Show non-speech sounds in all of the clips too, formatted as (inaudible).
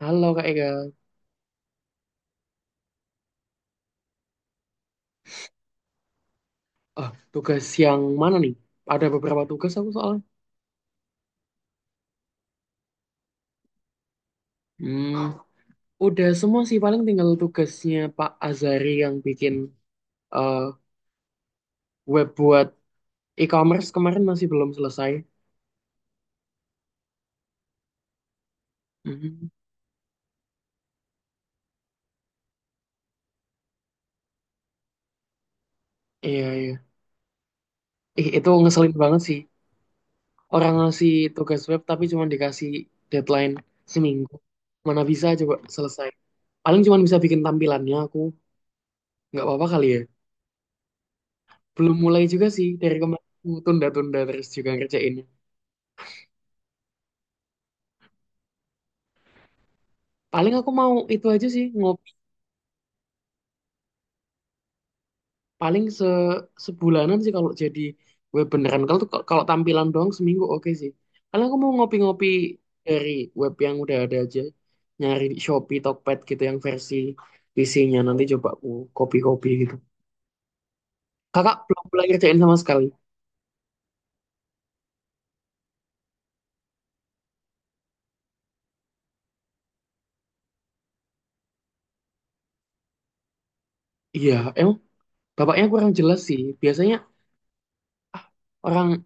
Halo Kak Ega. Oh, tugas yang mana nih? Ada beberapa tugas aku soalnya. Hmm, udah semua sih paling tinggal tugasnya Pak Azari yang bikin eh, web buat e-commerce kemarin masih belum selesai. Mhm. Iya, iya. Ih, itu ngeselin banget sih. Orang ngasih tugas web tapi cuma dikasih deadline seminggu. Mana bisa coba selesai. Paling cuma bisa bikin tampilannya aku. Nggak apa-apa kali ya. Belum mulai juga sih, dari kemarin aku tunda-tunda terus juga ngerjainnya. Paling aku mau itu aja sih, ngopi paling sebulanan sih kalau jadi web beneran. Kalau tampilan doang seminggu oke sih. Paling aku mau ngopi-ngopi dari web yang udah ada aja. Nyari di Shopee, Tokped gitu yang versi PC-nya, nanti coba aku copy-copy gitu. Kakak belum mulai kerjain sama sekali. Iya, emang bapaknya kurang jelas sih. Biasanya ah, orang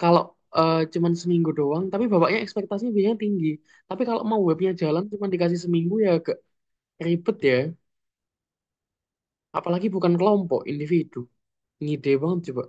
kalau cuman seminggu doang, tapi bapaknya ekspektasinya biasanya tinggi. Tapi kalau mau webnya jalan cuma dikasih seminggu ya agak ribet ya. Apalagi bukan kelompok, individu, ngide banget coba.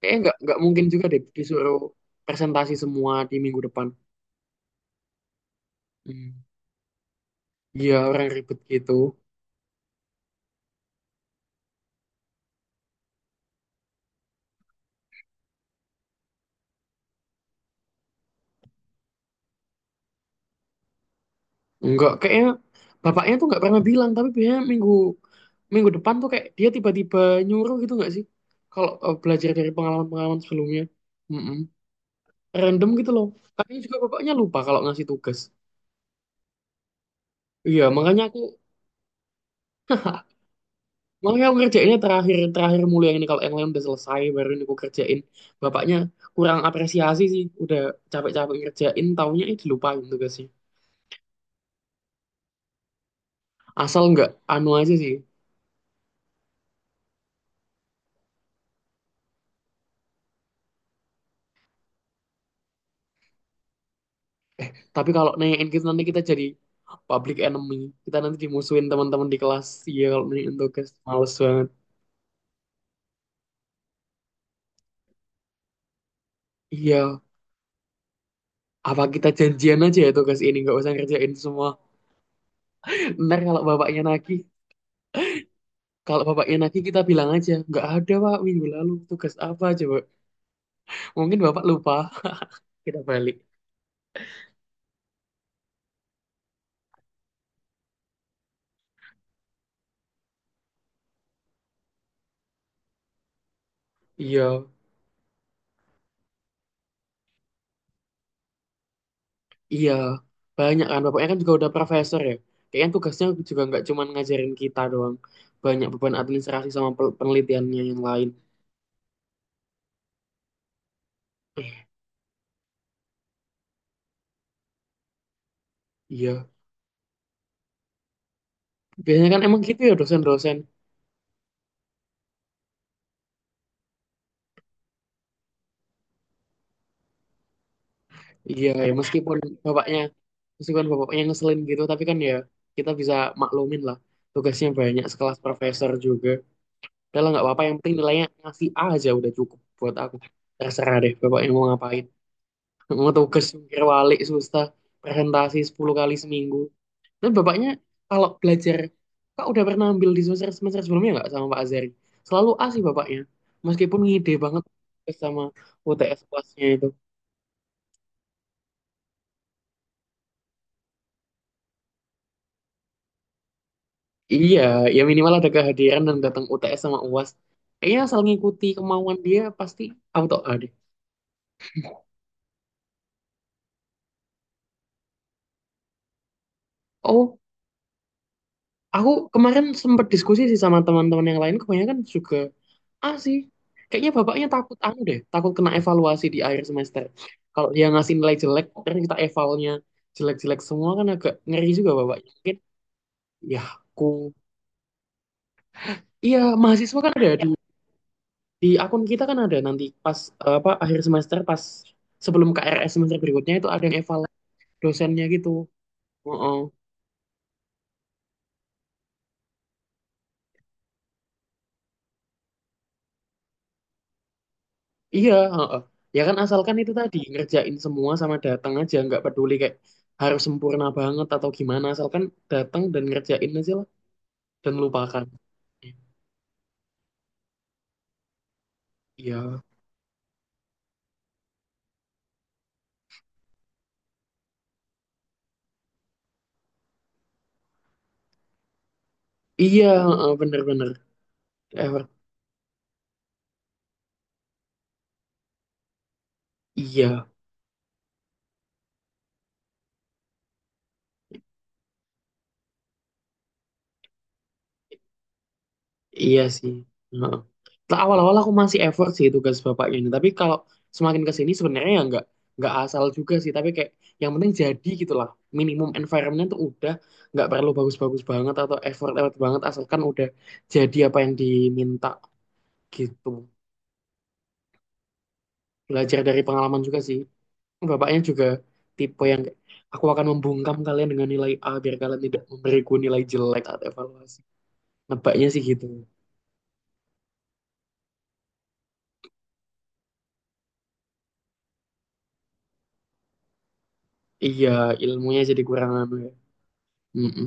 Kayaknya nggak mungkin juga deh disuruh presentasi semua di minggu depan. Hmm. Ya, orang ribet gitu. Nggak, kayaknya bapaknya tuh nggak pernah bilang, tapi biasanya minggu minggu depan tuh kayak dia tiba-tiba nyuruh, gitu nggak sih? Kalau belajar dari pengalaman-pengalaman sebelumnya. Mm-mm. Random gitu loh. Kayaknya juga bapaknya lupa kalau ngasih tugas. Iya. Makanya aku kerjainnya terakhir terakhir mulu yang ini, kalau yang lain udah selesai baru ini aku kerjain. Bapaknya kurang apresiasi sih, udah capek-capek ngerjain, taunya dilupain tugasnya. Asal nggak anu aja sih. Tapi kalau nanyain kita nanti kita jadi public enemy. Kita nanti dimusuhin teman-teman di kelas. Iya, kalau nanyain tugas, males banget. Iya, apa kita janjian aja ya, tugas ini nggak usah ngerjain semua. Ntar kalau bapaknya nagih kita bilang aja nggak ada pak, minggu lalu tugas apa coba. Mungkin bapak lupa, kita balik. Iya, iya. Banyak kan, bapaknya kan juga udah profesor ya. Kayaknya tugasnya juga nggak cuma ngajarin kita doang. Banyak beban administrasi sama penelitiannya yang lain. Eh, iya. Biasanya kan emang gitu ya dosen-dosen. Iya, ya meskipun bapaknya, bapaknya ngeselin gitu, tapi kan ya kita bisa maklumin lah. Tugasnya banyak, sekelas profesor juga. Udah lah nggak apa-apa, yang penting nilainya ngasih A aja udah cukup buat aku. Terserah deh bapaknya mau ngapain. (laughs) Mau tugas, mikir walik, susah presentasi 10 kali seminggu. Dan bapaknya kalau belajar, Kak udah pernah ambil di semester semester sebelumnya nggak sama Pak Azari? Selalu A sih bapaknya, meskipun ngide banget sama UTS UASnya itu. Iya, ya minimal ada kehadiran dan datang UTS sama UAS. Kayaknya asal ngikuti kemauan dia pasti auto A deh. Oh, aku kemarin sempat diskusi sih sama teman-teman yang lain, kebanyakan juga sih, kayaknya bapaknya takut anu deh, takut kena evaluasi di akhir semester. Kalau dia ngasih nilai jelek, terus kita evalnya jelek-jelek semua kan agak ngeri juga bapaknya. Mungkin ya aku, iya mahasiswa kan ada di akun kita kan ada nanti pas apa akhir semester, pas sebelum KRS semester berikutnya itu ada yang eval dosennya gitu. Heeh. Iya, heeh. Ya kan asalkan itu tadi ngerjain semua sama datang aja, nggak peduli kayak harus sempurna banget atau gimana, asalkan datang dan ngerjain aja lah dan lupakan. Iya, iya, heeh, bener-bener effort. Iya, iya sih. Heeh. Nah, awal-awal aku masih effort sih tugas bapaknya ini, tapi kalau semakin ke sini sebenarnya ya nggak asal juga sih, tapi kayak yang penting jadi gitulah. Minimum environment tuh udah nggak perlu bagus-bagus banget atau effort-effort banget asalkan udah jadi apa yang diminta gitu. Belajar dari pengalaman juga sih. Bapaknya juga tipe yang kayak, aku akan membungkam kalian dengan nilai A biar kalian tidak memberiku nilai jelek atau evaluasi. Nebaknya sih gitu. Iya, ilmunya jadi kurang anu ya. Mm-mm.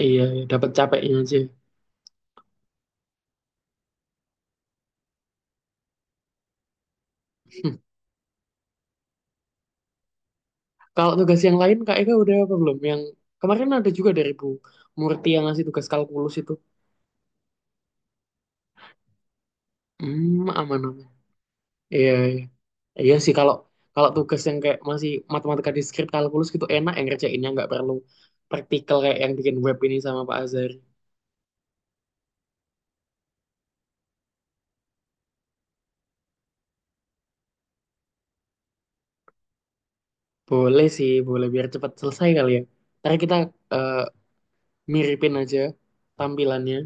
Iya, iya, dapat capeknya aja. Kalau tugas yang lain Kak Ega udah apa belum? Yang kemarin ada juga dari Bu Murti yang ngasih tugas kalkulus itu. Aman aman. Iya, iya. Iya sih kalau kalau tugas yang kayak masih matematika diskrit kalkulus gitu enak yang ngerjainnya nggak perlu praktikal kayak yang bikin web ini sama Pak Azhar. Boleh sih, boleh biar cepat selesai kali ya. Ntar kita eh, miripin aja tampilannya.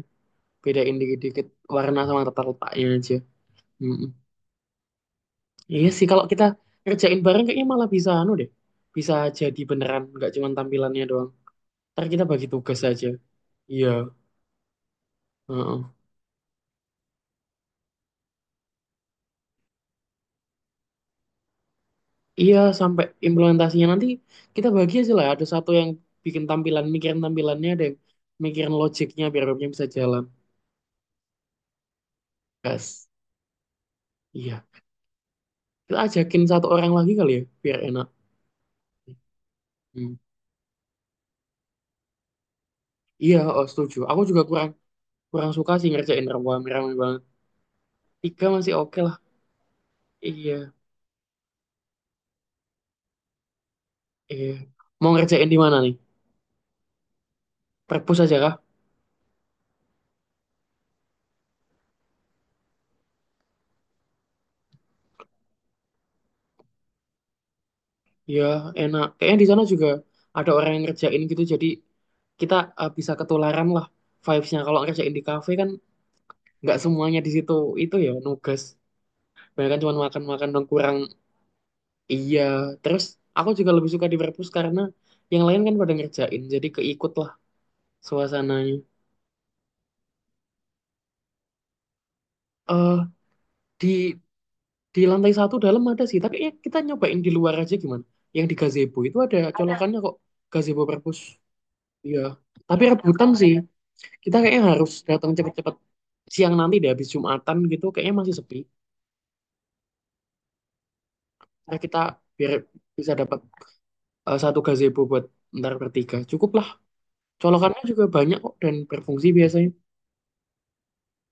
Bedain dikit-dikit warna sama letak-letaknya aja. Mm-mm. Iya sih kalau kita ngerjain bareng kayaknya malah bisa anu deh. Bisa jadi beneran nggak cuma tampilannya doang. Ntar kita bagi tugas aja. Iya. Heeh. Iya, sampai implementasinya nanti kita bagi aja lah. Ada satu yang bikin tampilan, mikirin tampilannya, ada yang mikirin logiknya biar webnya bisa jalan. Gas. Iya. Kita ajakin satu orang lagi kali ya biar enak. Hmm. Iya, oh, setuju. Aku juga kurang kurang suka sih ngerjain rame-rame banget. Tiga masih oke lah. Iya. Iya. Mau ngerjain di mana nih? Perpus aja kah? Ya, enak. Kayaknya di sana juga ada orang yang ngerjain gitu, jadi kita bisa ketularan lah vibes-nya. Kalau ngerjain di kafe kan nggak semuanya di situ. Itu ya, nugas. Banyak cuma makan-makan dan kurang. Iya. Terus aku juga lebih suka di perpus karena yang lain kan pada ngerjain, jadi keikut lah suasananya. eh di di lantai satu dalam ada sih, tapi ya kita nyobain di luar aja gimana? Yang di gazebo itu ada. Ada colokannya kok, gazebo perpus. Iya, tapi rebutan sih. Kita kayaknya harus datang cepet-cepet siang nanti deh habis Jumatan gitu. Kayaknya masih sepi. Nah kita biar bisa dapat satu gazebo buat ntar bertiga. Cukup lah. Colokannya juga banyak kok dan berfungsi biasanya.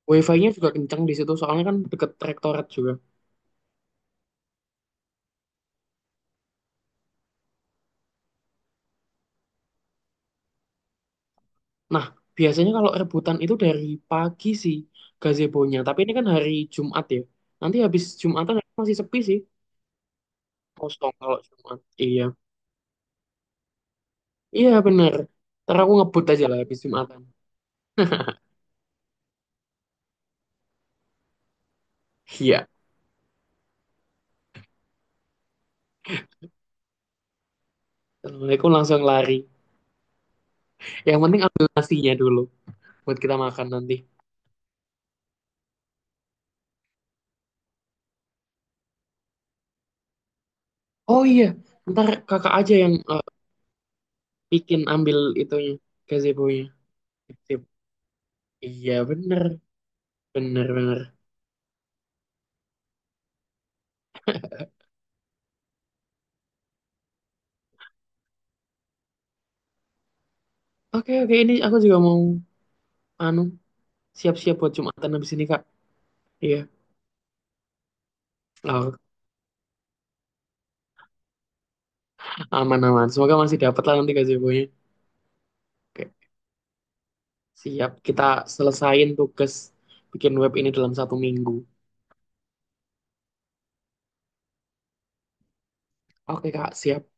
Wifi-nya juga kencang di situ soalnya kan deket rektorat juga. Nah biasanya kalau rebutan itu dari pagi sih gazebonya. Tapi ini kan hari Jumat ya. Nanti habis Jumatan masih sepi sih. Kosong kalau Jumat. Iya, iya bener. Ntar aku ngebut aja lah habis Jumatan. Iya. Assalamualaikum langsung lari. Yang penting ambil nasinya dulu buat kita makan nanti. Oh iya, ntar kakak aja yang bikin ambil itunya, gazebo-nya. Sip. Iya bener, bener bener. Oke, oke, ini aku juga mau anu siap-siap buat Jumatan habis ini, kak. Iya, oh, aman aman. Semoga masih dapat lah nanti gazebo-nya. Oke, siap. Kita selesain tugas bikin web ini dalam satu minggu. Oke kak, siap.